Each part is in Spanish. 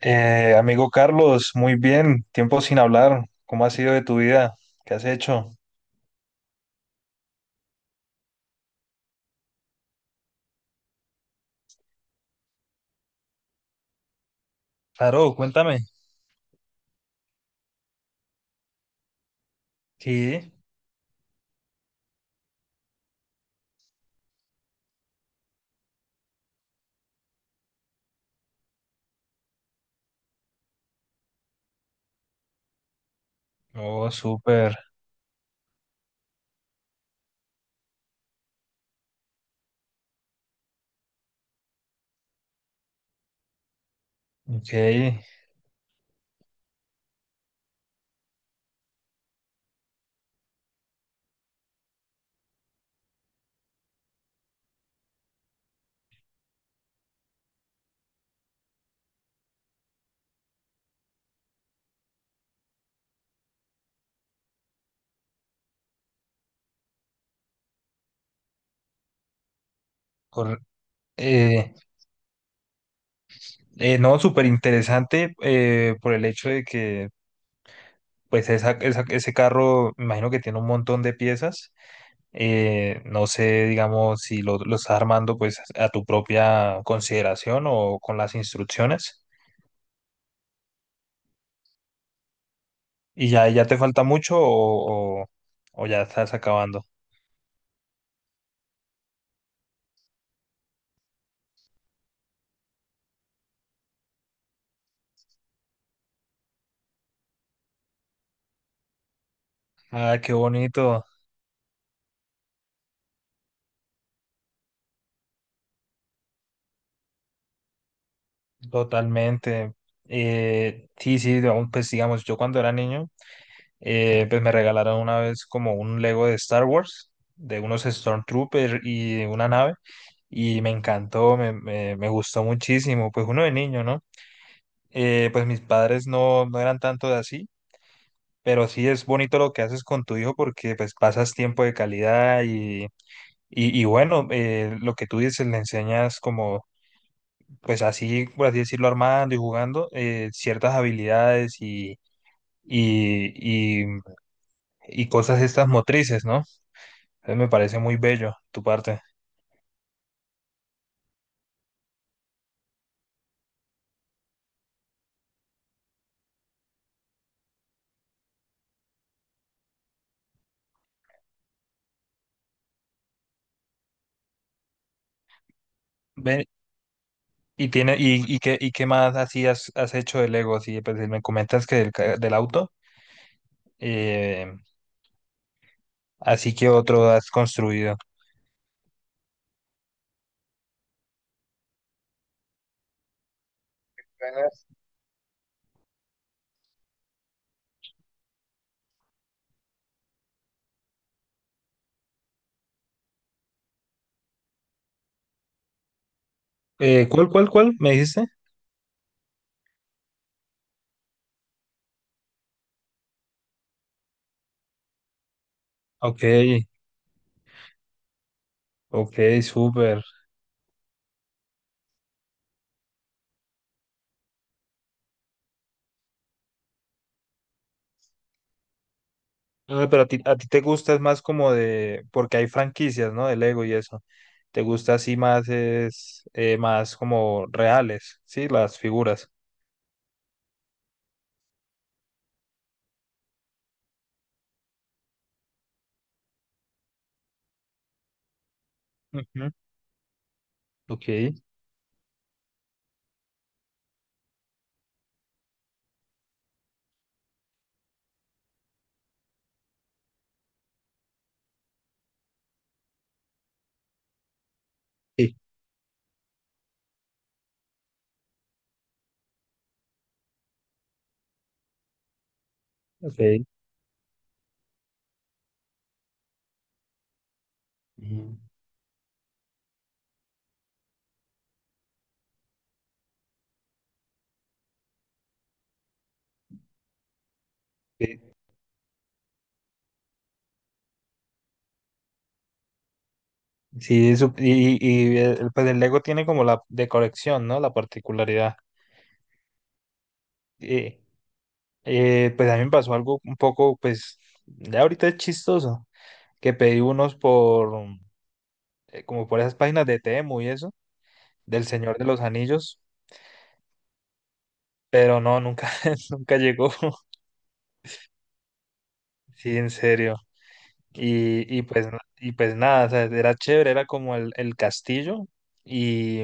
Amigo Carlos, muy bien, tiempo sin hablar. ¿Cómo ha sido de tu vida? ¿Qué has hecho? Claro, cuéntame. Sí, oh, súper, ok. Cor- eh, no, súper interesante, por el hecho de que, pues, ese carro, me imagino que tiene un montón de piezas. No sé, digamos, si lo estás armando, pues, a tu propia consideración o con las instrucciones. ¿Y ya te falta mucho o ya estás acabando? Ah, qué bonito, totalmente. Sí, sí, aún, pues digamos, yo cuando era niño, pues me regalaron una vez como un Lego de Star Wars, de unos Stormtroopers y una nave, y me encantó, me gustó muchísimo, pues uno de niño, ¿no? Pues mis padres no, no eran tanto de así, pero sí es bonito lo que haces con tu hijo porque pues pasas tiempo de calidad y bueno, lo que tú dices, le enseñas como pues así, por así decirlo, armando y jugando, ciertas habilidades y, y, y cosas estas motrices, ¿no? Entonces me parece muy bello tu parte. Ven, y qué más así has hecho de Lego, así, pues, me comentas que del, ca- del auto, eh, así que otro has construido. ¿Cuál, cuál, cuál? ¿Me dijiste? Ok, ok, súper. Ah, pero a ti te gusta es más como de, porque hay franquicias, ¿no? De Lego y eso. Te gusta así más es, más como reales, ¿sí? Las figuras. Ujú. Ok. Sí. Ok. Ujú. Sí, sí, pues el Lego tiene como la de colección, ¿no? La particularidad. Eh, pues a mí me pasó algo un poco, pues, ya ahorita es chistoso, que pedí unos por, como por esas páginas de Temu y eso, del Señor de los Anillos. Pero no, nunca, nunca llegó. Sí, en serio. Y pues nada, o sea, era chévere, era como el castillo. Y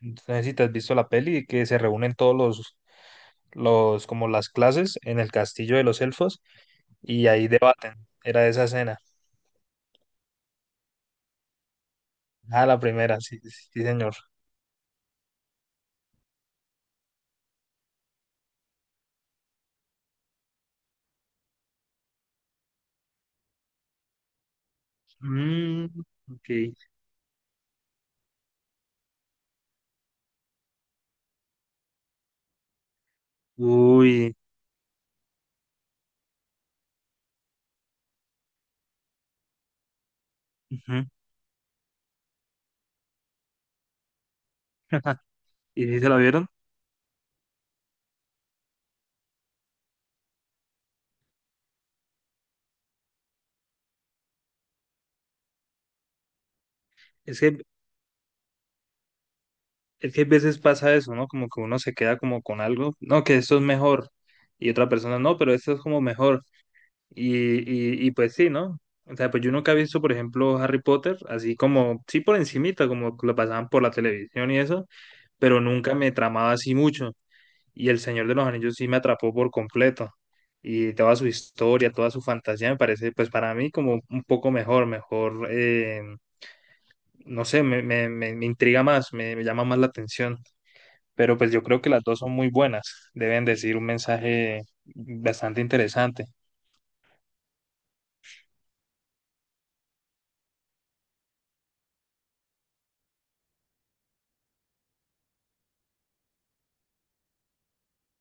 no sé si te has visto la peli, que se reúnen todos como las clases en el castillo de los elfos y ahí debaten. Era esa escena. Ah, la primera, sí, sí, sí, señor. Mm, ok. Uy. Ujú. ¿Y si se la vieron? Es que Es que a veces pasa eso, ¿no? Como que uno se queda como con algo, no, que esto es mejor, y otra persona no, pero esto es como mejor. Y pues sí, ¿no? O sea, pues yo nunca he visto, por ejemplo, Harry Potter, así como, sí por encimita, como lo pasaban por la televisión y eso, pero nunca me tramaba así mucho. Y El Señor de los Anillos sí me atrapó por completo. Y toda su historia, toda su fantasía me parece, pues para mí como un poco mejor, mejor, no sé, me intriga más, me llama más la atención, pero pues yo creo que las dos son muy buenas, deben decir un mensaje bastante interesante.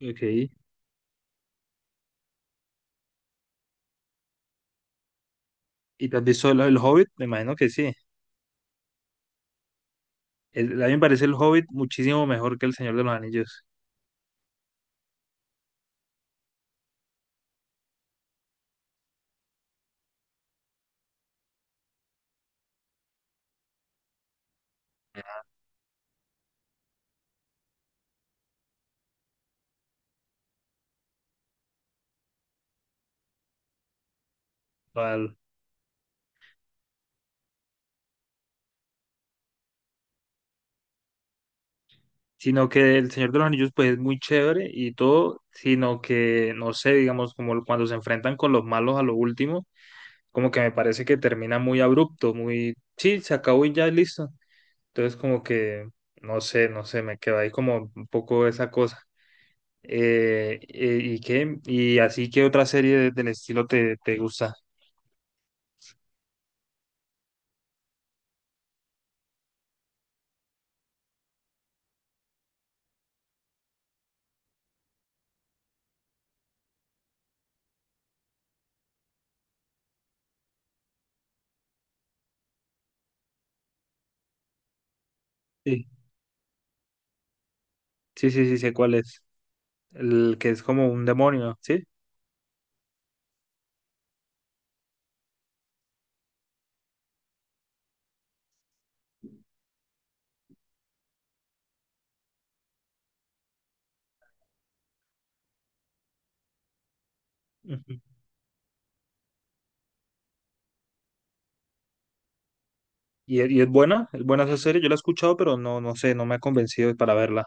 Ok. ¿Y te has visto el Hobbit? Me imagino que sí. El- a mí me parece el Hobbit muchísimo mejor que el Señor de los Anillos. Actual. Sino que el Señor de los Anillos pues es muy chévere y todo, sino que no sé, digamos, como cuando se enfrentan con los malos a lo último, como que me parece que termina muy abrupto, muy, sí, se acabó y ya listo. Entonces como que, no sé, me queda ahí como un poco esa cosa. ¿Y qué? ¿Y así qué otra serie de- del estilo te gusta? Sí, sí, sí, sí, sé cuál es. El que es como un demonio, ¿sí? Ujú. ¿Y es buena? ¿Es buena esa serie? Yo la he escuchado, pero no, no sé, no me ha convencido para verla.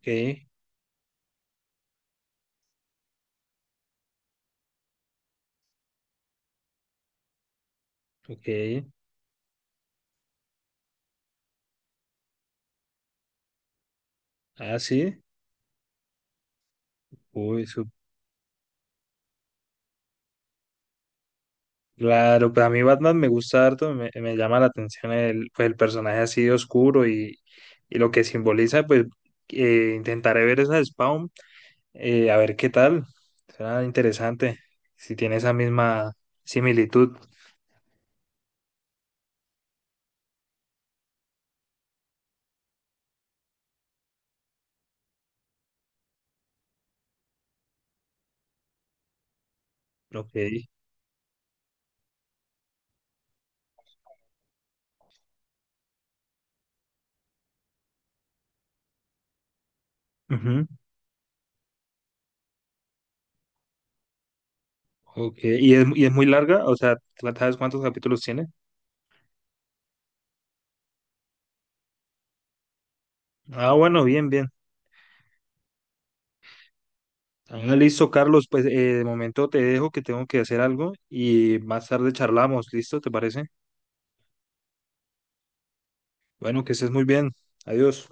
Ok, ok. Ah, sí. Uy, su- claro, pues a mí Batman me gusta harto, me llama la atención el, pues el personaje así oscuro y lo que simboliza, pues, intentaré ver esa de Spawn. A ver qué tal. Será interesante si tiene esa misma similitud. Ok. Ujú. Ok. Y es muy larga? O sea, ¿sabes cuántos capítulos tiene? Ah, bueno, bien, bien. Ah, listo, Carlos. Pues, de momento te dejo que tengo que hacer algo y más tarde charlamos. ¿Listo? ¿Te parece? Bueno, que estés muy bien. Adiós.